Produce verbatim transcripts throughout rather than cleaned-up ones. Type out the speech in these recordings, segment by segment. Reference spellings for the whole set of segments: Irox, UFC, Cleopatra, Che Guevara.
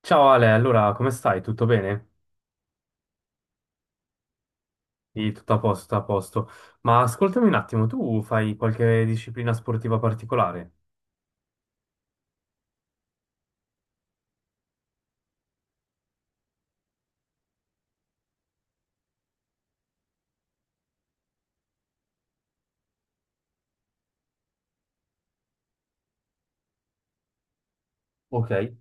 Ciao Ale, allora come stai? Tutto bene? Sì, tutto a posto, tutto a posto. Ma ascoltami un attimo, tu fai qualche disciplina sportiva particolare? Ok. Eh,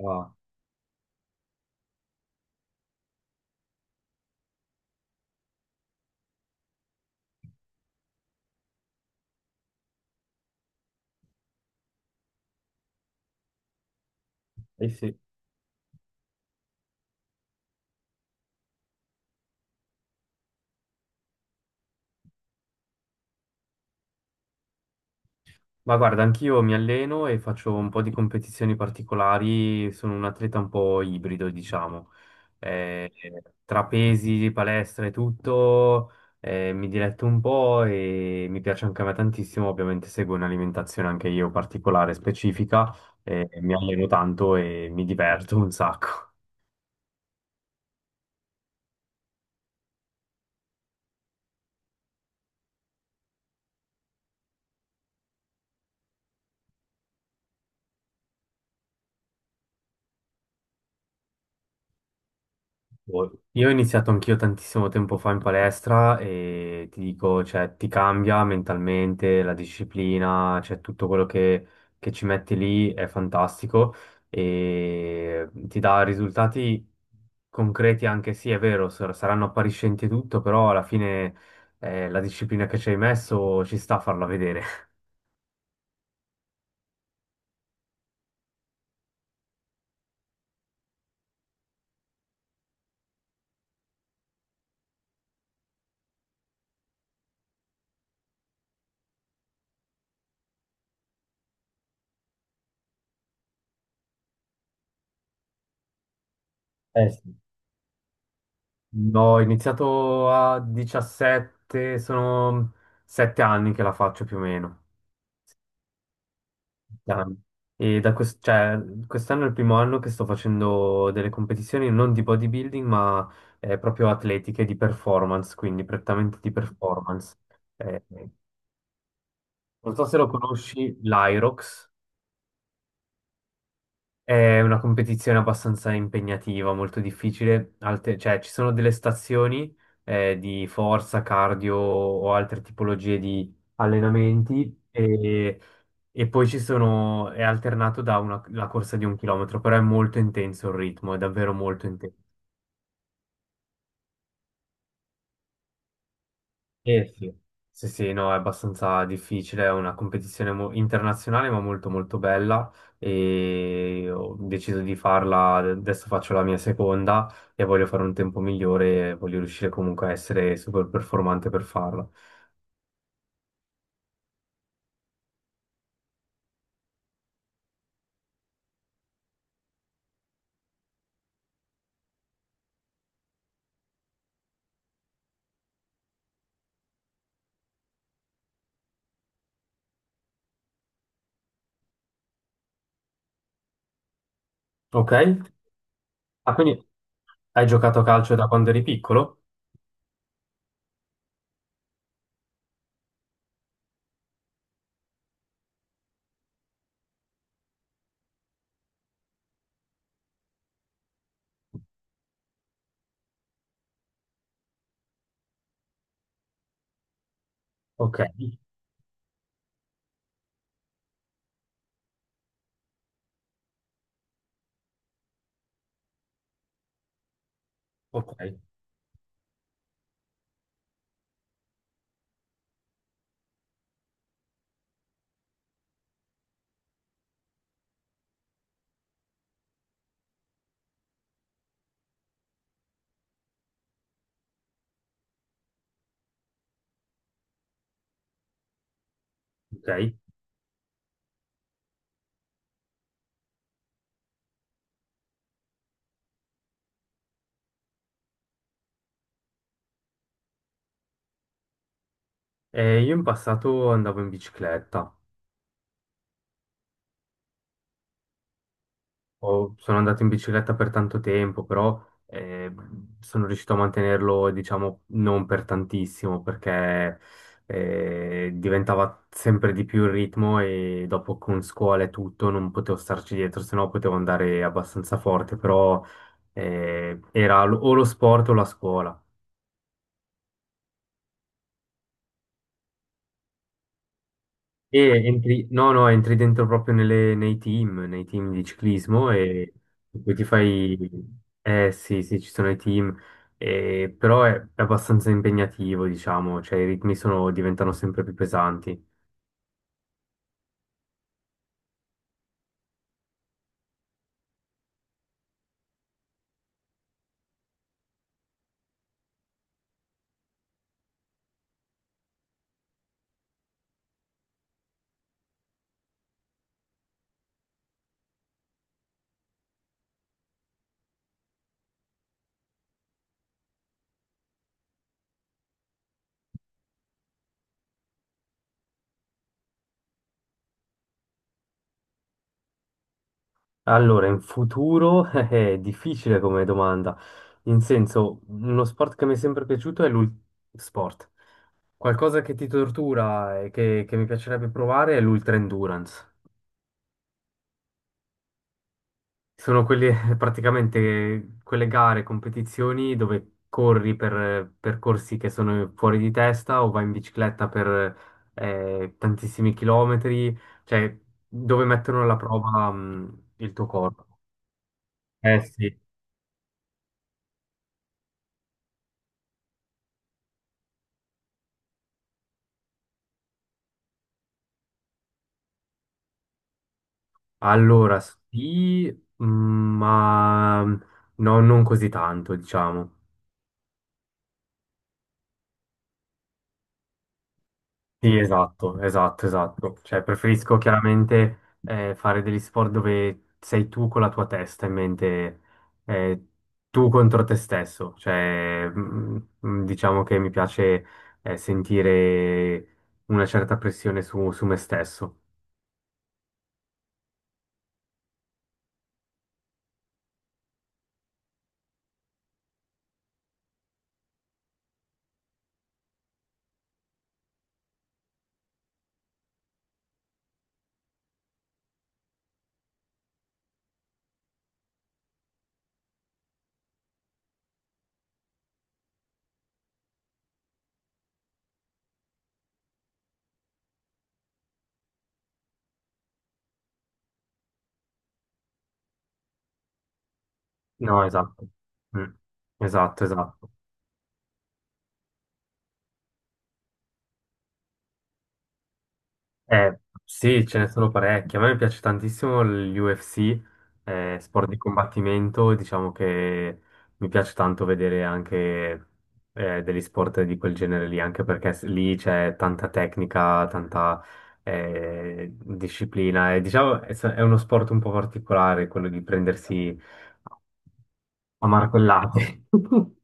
ah, eh sì. Ma guarda, anch'io mi alleno e faccio un po' di competizioni particolari, sono un atleta un po' ibrido, diciamo. Eh, Tra pesi, palestra e tutto, eh, mi diletto un po' e mi piace anche a me tantissimo, ovviamente seguo un'alimentazione anche io particolare, specifica, eh, mi alleno tanto e mi diverto un sacco. Boh, io ho iniziato anch'io tantissimo tempo fa in palestra e ti dico, cioè, ti cambia mentalmente la disciplina, cioè tutto quello che, che ci metti lì è fantastico e ti dà risultati concreti anche, sì, è vero, sar- saranno appariscenti e tutto, però alla fine eh, la disciplina che ci hai messo ci sta a farla vedere. Eh sì. No, ho iniziato a diciassette, sono sette anni che la faccio più o meno. Milano. E da quest- cioè, quest'anno è il primo anno che sto facendo delle competizioni non di bodybuilding, ma eh, proprio atletiche di performance, quindi prettamente di performance. Eh, non so se lo conosci, l'Irox. È una competizione abbastanza impegnativa, molto difficile. Alte- cioè, ci sono delle stazioni eh, di forza, cardio o altre tipologie di allenamenti. E E poi ci sono, è alternato da una, la corsa di un chilometro, però è molto intenso il ritmo, è davvero molto intenso. Eh sì. Sì, sì, no, è abbastanza difficile, è una competizione mo- internazionale ma molto molto bella e ho deciso di farla, adesso faccio la mia seconda e voglio fare un tempo migliore e voglio riuscire comunque a essere super performante per farla. Ok? Ah, quindi hai giocato a calcio da quando eri piccolo? Ok, ok, ok. Eh, io in passato andavo in bicicletta. Ho- sono andato in bicicletta per tanto tempo, però eh, sono riuscito a mantenerlo, diciamo, non per tantissimo, perché eh, diventava sempre di più il ritmo e dopo con scuola e tutto non potevo starci dietro, sennò potevo andare abbastanza forte, però eh, era lo- o lo sport o la scuola. E entri, no, no, entri dentro proprio nelle- nei team, nei team di ciclismo e poi ti fai... Eh sì, sì, ci sono i team, eh, però è abbastanza impegnativo, diciamo, cioè i ritmi sono- diventano sempre più pesanti. Allora, in futuro è difficile come domanda, in senso, uno sport che mi è sempre piaciuto è l'ultra sport. Qualcosa che ti tortura e che, che mi piacerebbe provare è l'ultra endurance. Sono quelle, praticamente quelle gare, competizioni dove corri per eh, percorsi che sono fuori di testa o vai in bicicletta per eh, tantissimi chilometri, cioè dove mettono alla prova mh, il tuo corpo. Eh sì, allora sì, mh, ma mm, no, non così tanto, diciamo. Sì, esatto, esatto, esatto. Cioè, preferisco chiaramente eh, fare degli sport dove sei tu con la tua testa in mente, eh, tu contro te stesso. Cioè, mm, mm, diciamo che mi piace eh, sentire una certa pressione su, su me stesso. No, esatto. Mm. Esatto, esatto. Eh, sì, ce ne sono parecchi. A me piace tantissimo l'U F C, eh, sport di combattimento, e diciamo che mi piace tanto vedere anche eh, degli sport di quel genere lì, anche perché s- lì c'è tanta tecnica, tanta eh, disciplina. E, diciamo è s- è uno sport un po' particolare quello di prendersi a martellate.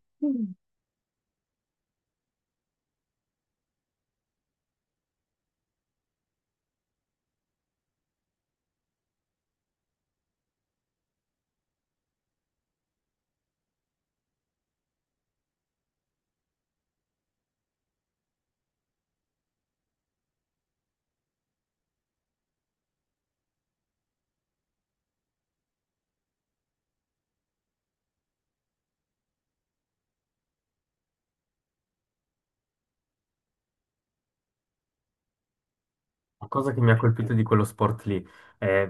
La cosa che mi ha colpito di quello sport lì è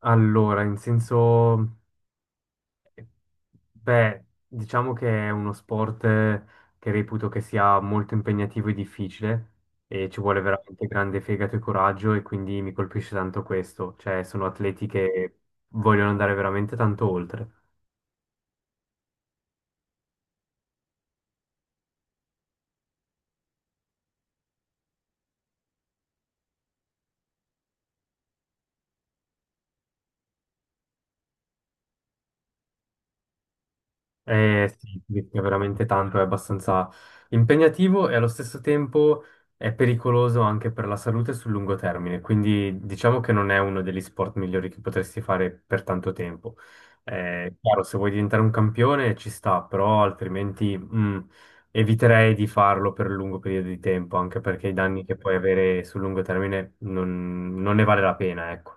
allora, in senso. Beh, diciamo che è uno sport eh, che reputo che sia molto impegnativo e difficile e ci vuole veramente grande fegato e coraggio e quindi mi colpisce tanto questo, cioè sono atleti che vogliono andare veramente tanto oltre. Eh sì, rischia veramente tanto, è abbastanza impegnativo e allo stesso tempo è pericoloso anche per la salute sul lungo termine, quindi diciamo che non è uno degli sport migliori che potresti fare per tanto tempo. Eh, chiaro, se vuoi diventare un campione ci sta, però altrimenti mm, eviterei di farlo per un lungo periodo di tempo, anche perché i danni che puoi avere sul lungo termine non, non ne vale la pena, ecco.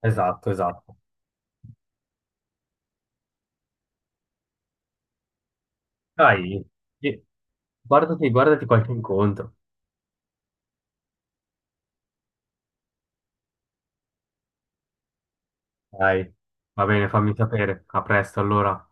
Esatto, esatto. Dai, sì, guardati, guardati qualche incontro. Dai, va bene, fammi sapere. A presto allora.